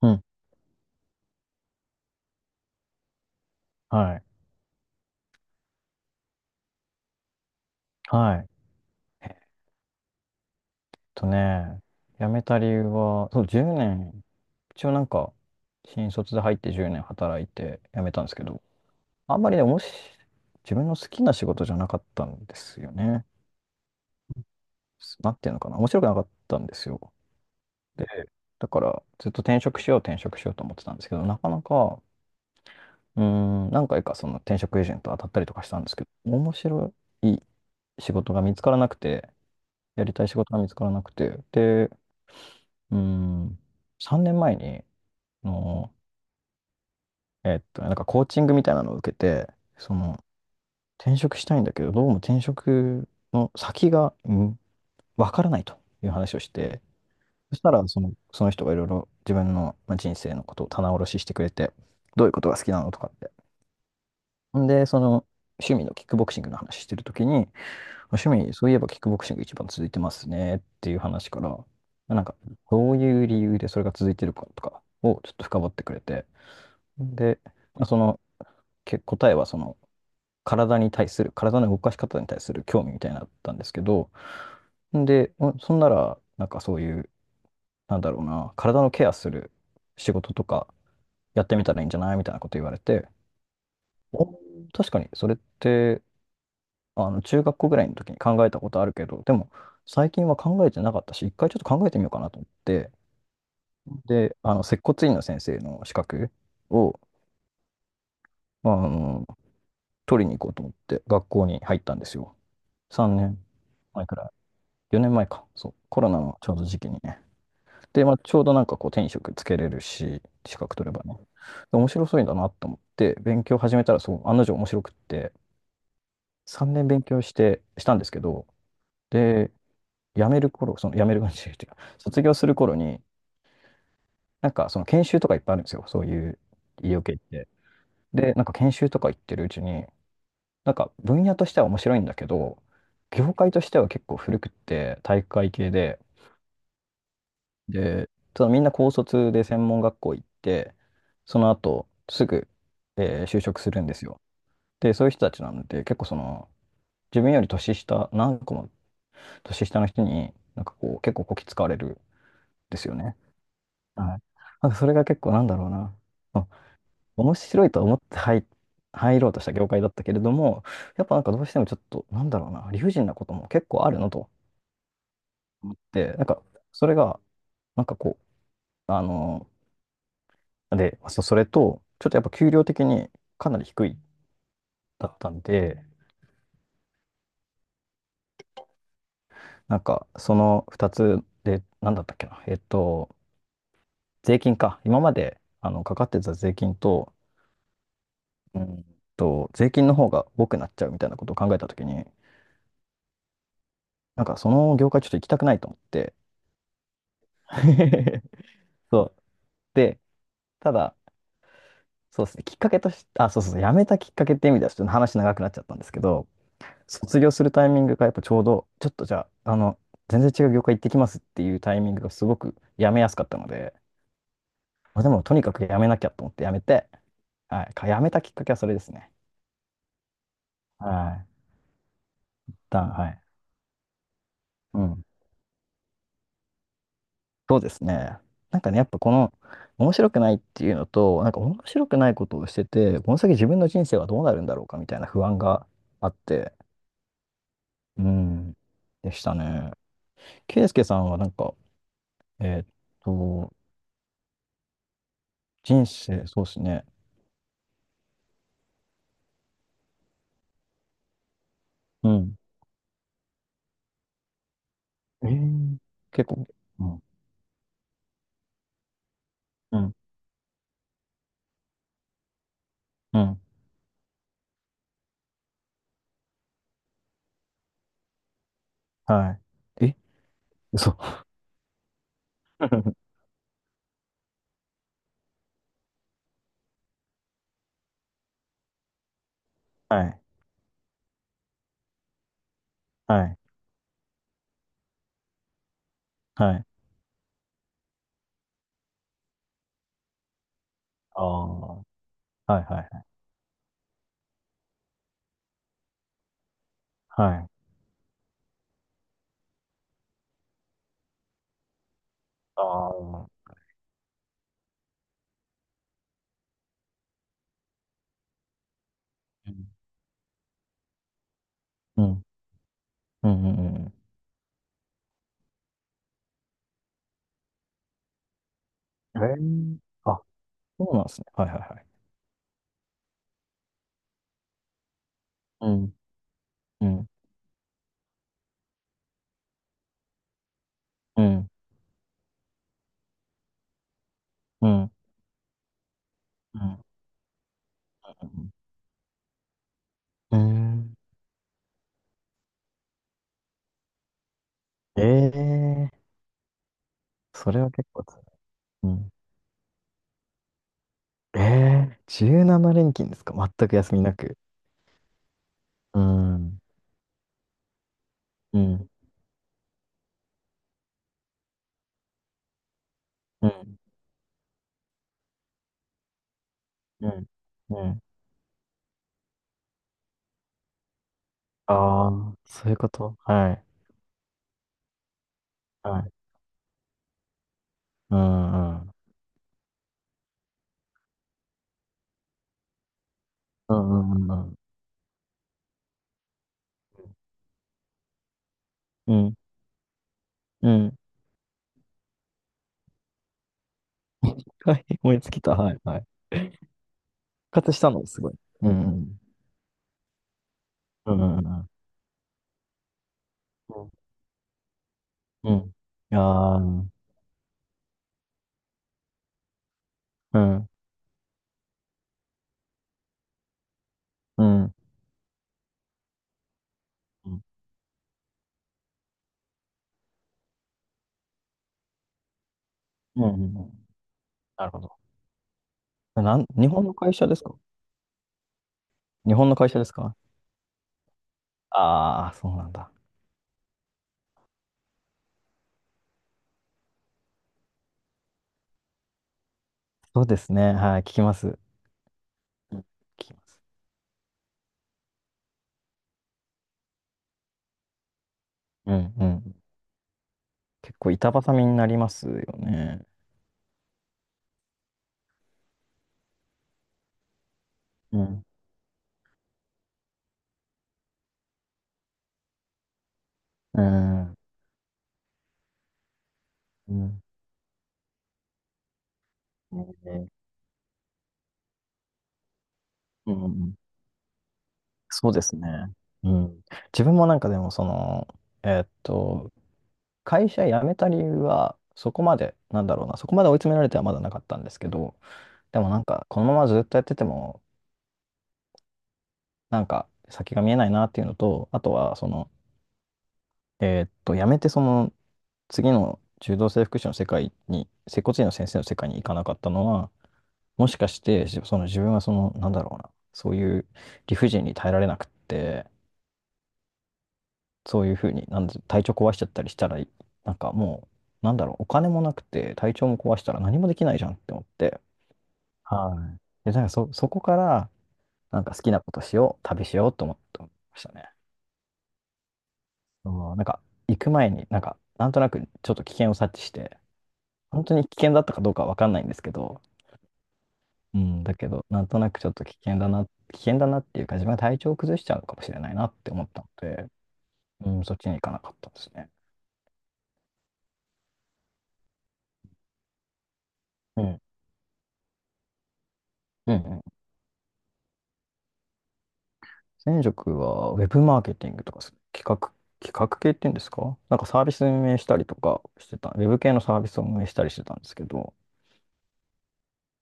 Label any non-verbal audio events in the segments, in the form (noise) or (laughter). うん。はい。はい。えっとね、辞めた理由は、そう、10年、一応なんか、新卒で入って10年働いて辞めたんですけど、あんまりね、おもし、自分の好きな仕事じゃなかったんですよね。なんていうのかな、面白くなかったんですよ。で、だからずっと転職しよう転職しようと思ってたんですけど、なかなか、うー何回かその転職エージェント当たったりとかしたんですけど、面白い仕事が見つからなくて、やりたい仕事が見つからなくて、で、うーん、3年前に、あの、なんかコーチングみたいなのを受けて、その、転職したいんだけど、どうも転職の先が、うん、わからないという話をして、そしたら、その人がいろいろ自分の、まあ、人生のことを棚卸ししてくれて、どういうことが好きなのとかって。んで、趣味のキックボクシングの話してるときに、趣味、そういえばキックボクシング一番続いてますねっていう話から、なんか、どういう理由でそれが続いてるかとかをちょっと深掘ってくれて、で、まあ答えは体に対する、体の動かし方に対する興味みたいになのだったんですけど、で、そんなら、なんかそういう、なんだろうな、体のケアする仕事とかやってみたらいいんじゃないみたいなこと言われて、お確かにそれって、中学校ぐらいの時に考えたことあるけど、でも、最近は考えてなかったし、一回ちょっと考えてみようかなと思って、で、接骨院の先生の資格を、まあの、取りに行こうと思って、学校に入ったんですよ。3年前くらい。4年前か。そう。コロナのちょうど時期にね。で、まあ、ちょうどなんかこう、手に職つけれるし、資格取ればね。で面白そうだなと思って、勉強始めたら、そう、案の定面白くって、3年勉強したんですけど、で、辞める頃、辞める感じっていうか、卒業する頃に、なんかその研修とかいっぱいあるんですよ。そういう医療系って。で、なんか研修とか行ってるうちに、なんか分野としては面白いんだけど、業界としては結構古くって、体育会系で、で、ただみんな高卒で専門学校行って、その後すぐ、就職するんですよ。で、そういう人たちなので、結構その、自分より年下、何個も年下の人に、なんかこう、結構こき使われるんですよね。はい。なんかそれが結構なんだろうな。うん面白いと思って入ろうとした業界だったけれども、やっぱなんかどうしてもちょっと、なんだろうな、理不尽なことも結構あるのと思って、なんか、それが、なんかこう、で、それと、ちょっとやっぱ給料的にかなり低いだったんで、なんかその2つで、なんだったっけな、税金か、今までかかってた税金と、うん税金の方が多くなっちゃうみたいなことを考えたときに、なんかその業界ちょっと行きたくないと思って、(laughs) そう。で、ただ、そうですね、きっかけとして、あ、そうそうそう、辞めたきっかけって意味ではちょっと話長くなっちゃったんですけど、卒業するタイミングがやっぱちょうど、ちょっとじゃあ、全然違う業界行ってきますっていうタイミングがすごく辞めやすかったので、まあ、でもとにかく辞めなきゃと思って辞めて、はい、辞めたきっかけはそれですね。はい。はい。うん。そうですね。なんかね、やっぱこの、面白くないっていうのと、なんか面白くないことをしてて、この先自分の人生はどうなるんだろうかみたいな不安があって、うん、でしたね。ケイスケさんはなんか、えーっと、人生、そうですね。うんえー、結構、うん、うん、うん、はい。え、嘘。(laughs) はい、はい、はい。ああ、はい、はい、はい。ああ、うん、うん、うん、うんうん。えあ、そうなんですね。はい、はい、はい。うん、うん、うん、うん、うん、うん。ーえー、それは結構辛い。うん。ええー、17連勤ですか全く休みなく。うん、うん、うん、うん、うん。ああ、そういうこと。はい。はい。うん、うん。うん、うん、うん。うん、うん。はい、思いつきた。はい、はい。復活したの、すごい。うん、うん、うん、うん。うん、うん。うんああー、うん、うん、うん、うん。うんうんなるほど。なん、日本の会社ですか？日本の会社ですか？ああー、そうなんだ。そうですね。はい、聞きます。うん聞きます。うん、うん。結構板挟みになりますよね。うん、うん、うん。ねうんうんそうですね。うん。自分もなんかでも、その、えーっと、会社辞めた理由は、そこまで、なんだろうな、そこまで追い詰められてはまだなかったんですけど、でもなんか、このままずっとやってても、なんか、先が見えないなっていうのと、あとは、その、辞めて、その、次の柔道整復師の世界に、接骨院の先生の世界に行かなかったのは、もしかして、その自分はその、なんだろうな、そういう理不尽に耐えられなくって、そういうふうに、なんで体調壊しちゃったりしたら、なんかもう、なんだろう、お金もなくて、体調も壊したら何もできないじゃんって思って、はい。で、そこから、なんか好きなことしよう、旅しようと思ってましたね。うんなんか、行く前に、なんか、なんとなくちょっと危険を察知して、本当に危険だったかどうかはわかんないんですけど、うん、だけど、なんとなくちょっと危険だな、危険だなっていうか、自分が体調を崩しちゃうのかもしれないなって思ったので、うん、そっちに行かなかったですね。うん。うんうん前職はウェブマーケティングとかす企画、企画系っていうんですかなんかサービス運営したりとかしてた、ウェブ系のサービスを運営したりしてたんですけど、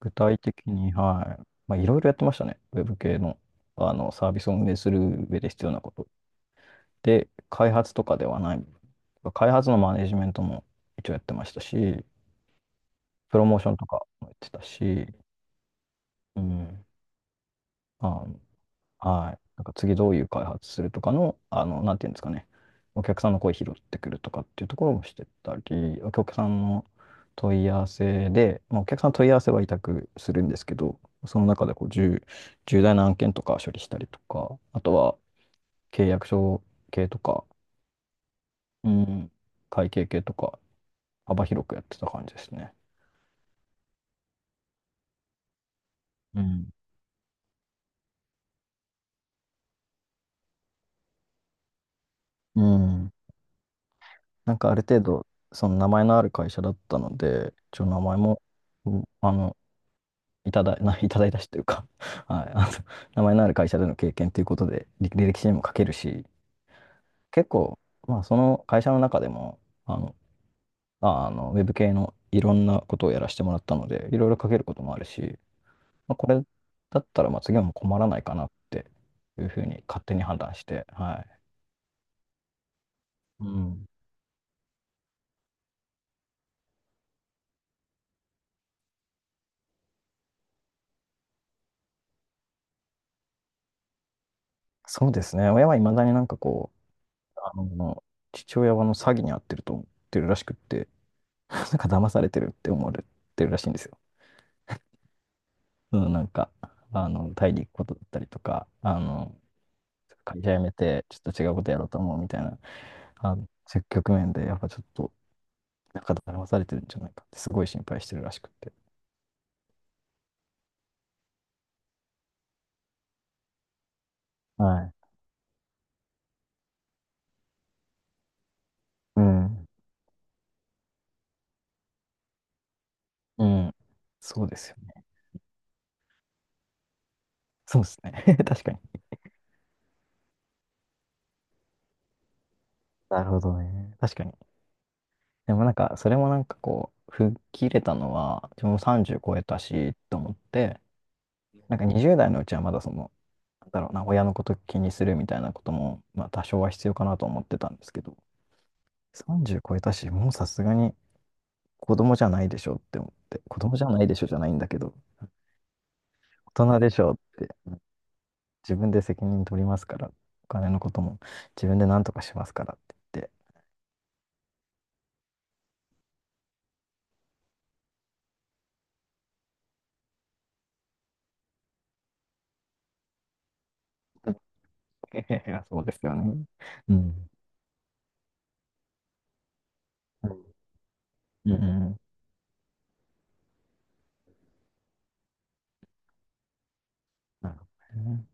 具体的に、はい、まあ、いろいろやってましたね。ウェブ系の、あのサービスを運営する上で必要なこと。で、開発とかではない、開発のマネジメントも一応やってましたし、プロモーションとかもやってたし、うん、あのはい。なんか次どういう開発するとかの、なんていうんですかね。お客さんの声拾ってくるとかっていうところもしてたり、お客さんの問い合わせで、まあ、お客さんの問い合わせは委託するんですけど、その中でこう重大な案件とか処理したりとか、あとは契約書系とか、うん、会計系とか、幅広くやってた感じですね。うん。うん。なんかある程度、その名前のある会社だったので、一応名前も、うんいただ、(laughs) いただいたしというか (laughs) はい、(laughs) 名前のある会社での経験ということで、履歴書にも書けるし、結構、まあ、その会社の中でも、あの、ウェブ系のいろんなことをやらせてもらったので、いろいろ書けることもあるし、まあ、これだったら、まあ、次はもう困らないかなっていうふうに勝手に判断して、はい。うん。そうですね。親はいまだになんかこう、あの、父親はあの詐欺に遭ってると思ってるらしくって、(laughs) なんか騙されてるって思われてるらしいんですよ。うん、なんか、タイに行くことだったりとか、会社辞めて、ちょっと違うことやろうと思うみたいな、そういう局面で、やっぱちょっと、なんか騙されてるんじゃないかって、すごい心配してるらしくって。はい。うん。うん。そうですよね。(laughs) そうですね。(laughs) 確かに。なるほどね。確かに。でもなんか、それもなんかこう、吹っ切れたのは、自分も30超えたし、と思って、なんか20代のうちはまだその、なんだろうな、親のこと気にするみたいなことも、まあ多少は必要かなと思ってたんですけど、30超えたし、もうさすがに子供じゃないでしょって思って、子供じゃないでしょじゃないんだけど、大人でしょって自分で責任取りますから、お金のことも自分で何とかしますからって言って、(laughs) いやそうですよね。うん。うん。うんうんなるほどね。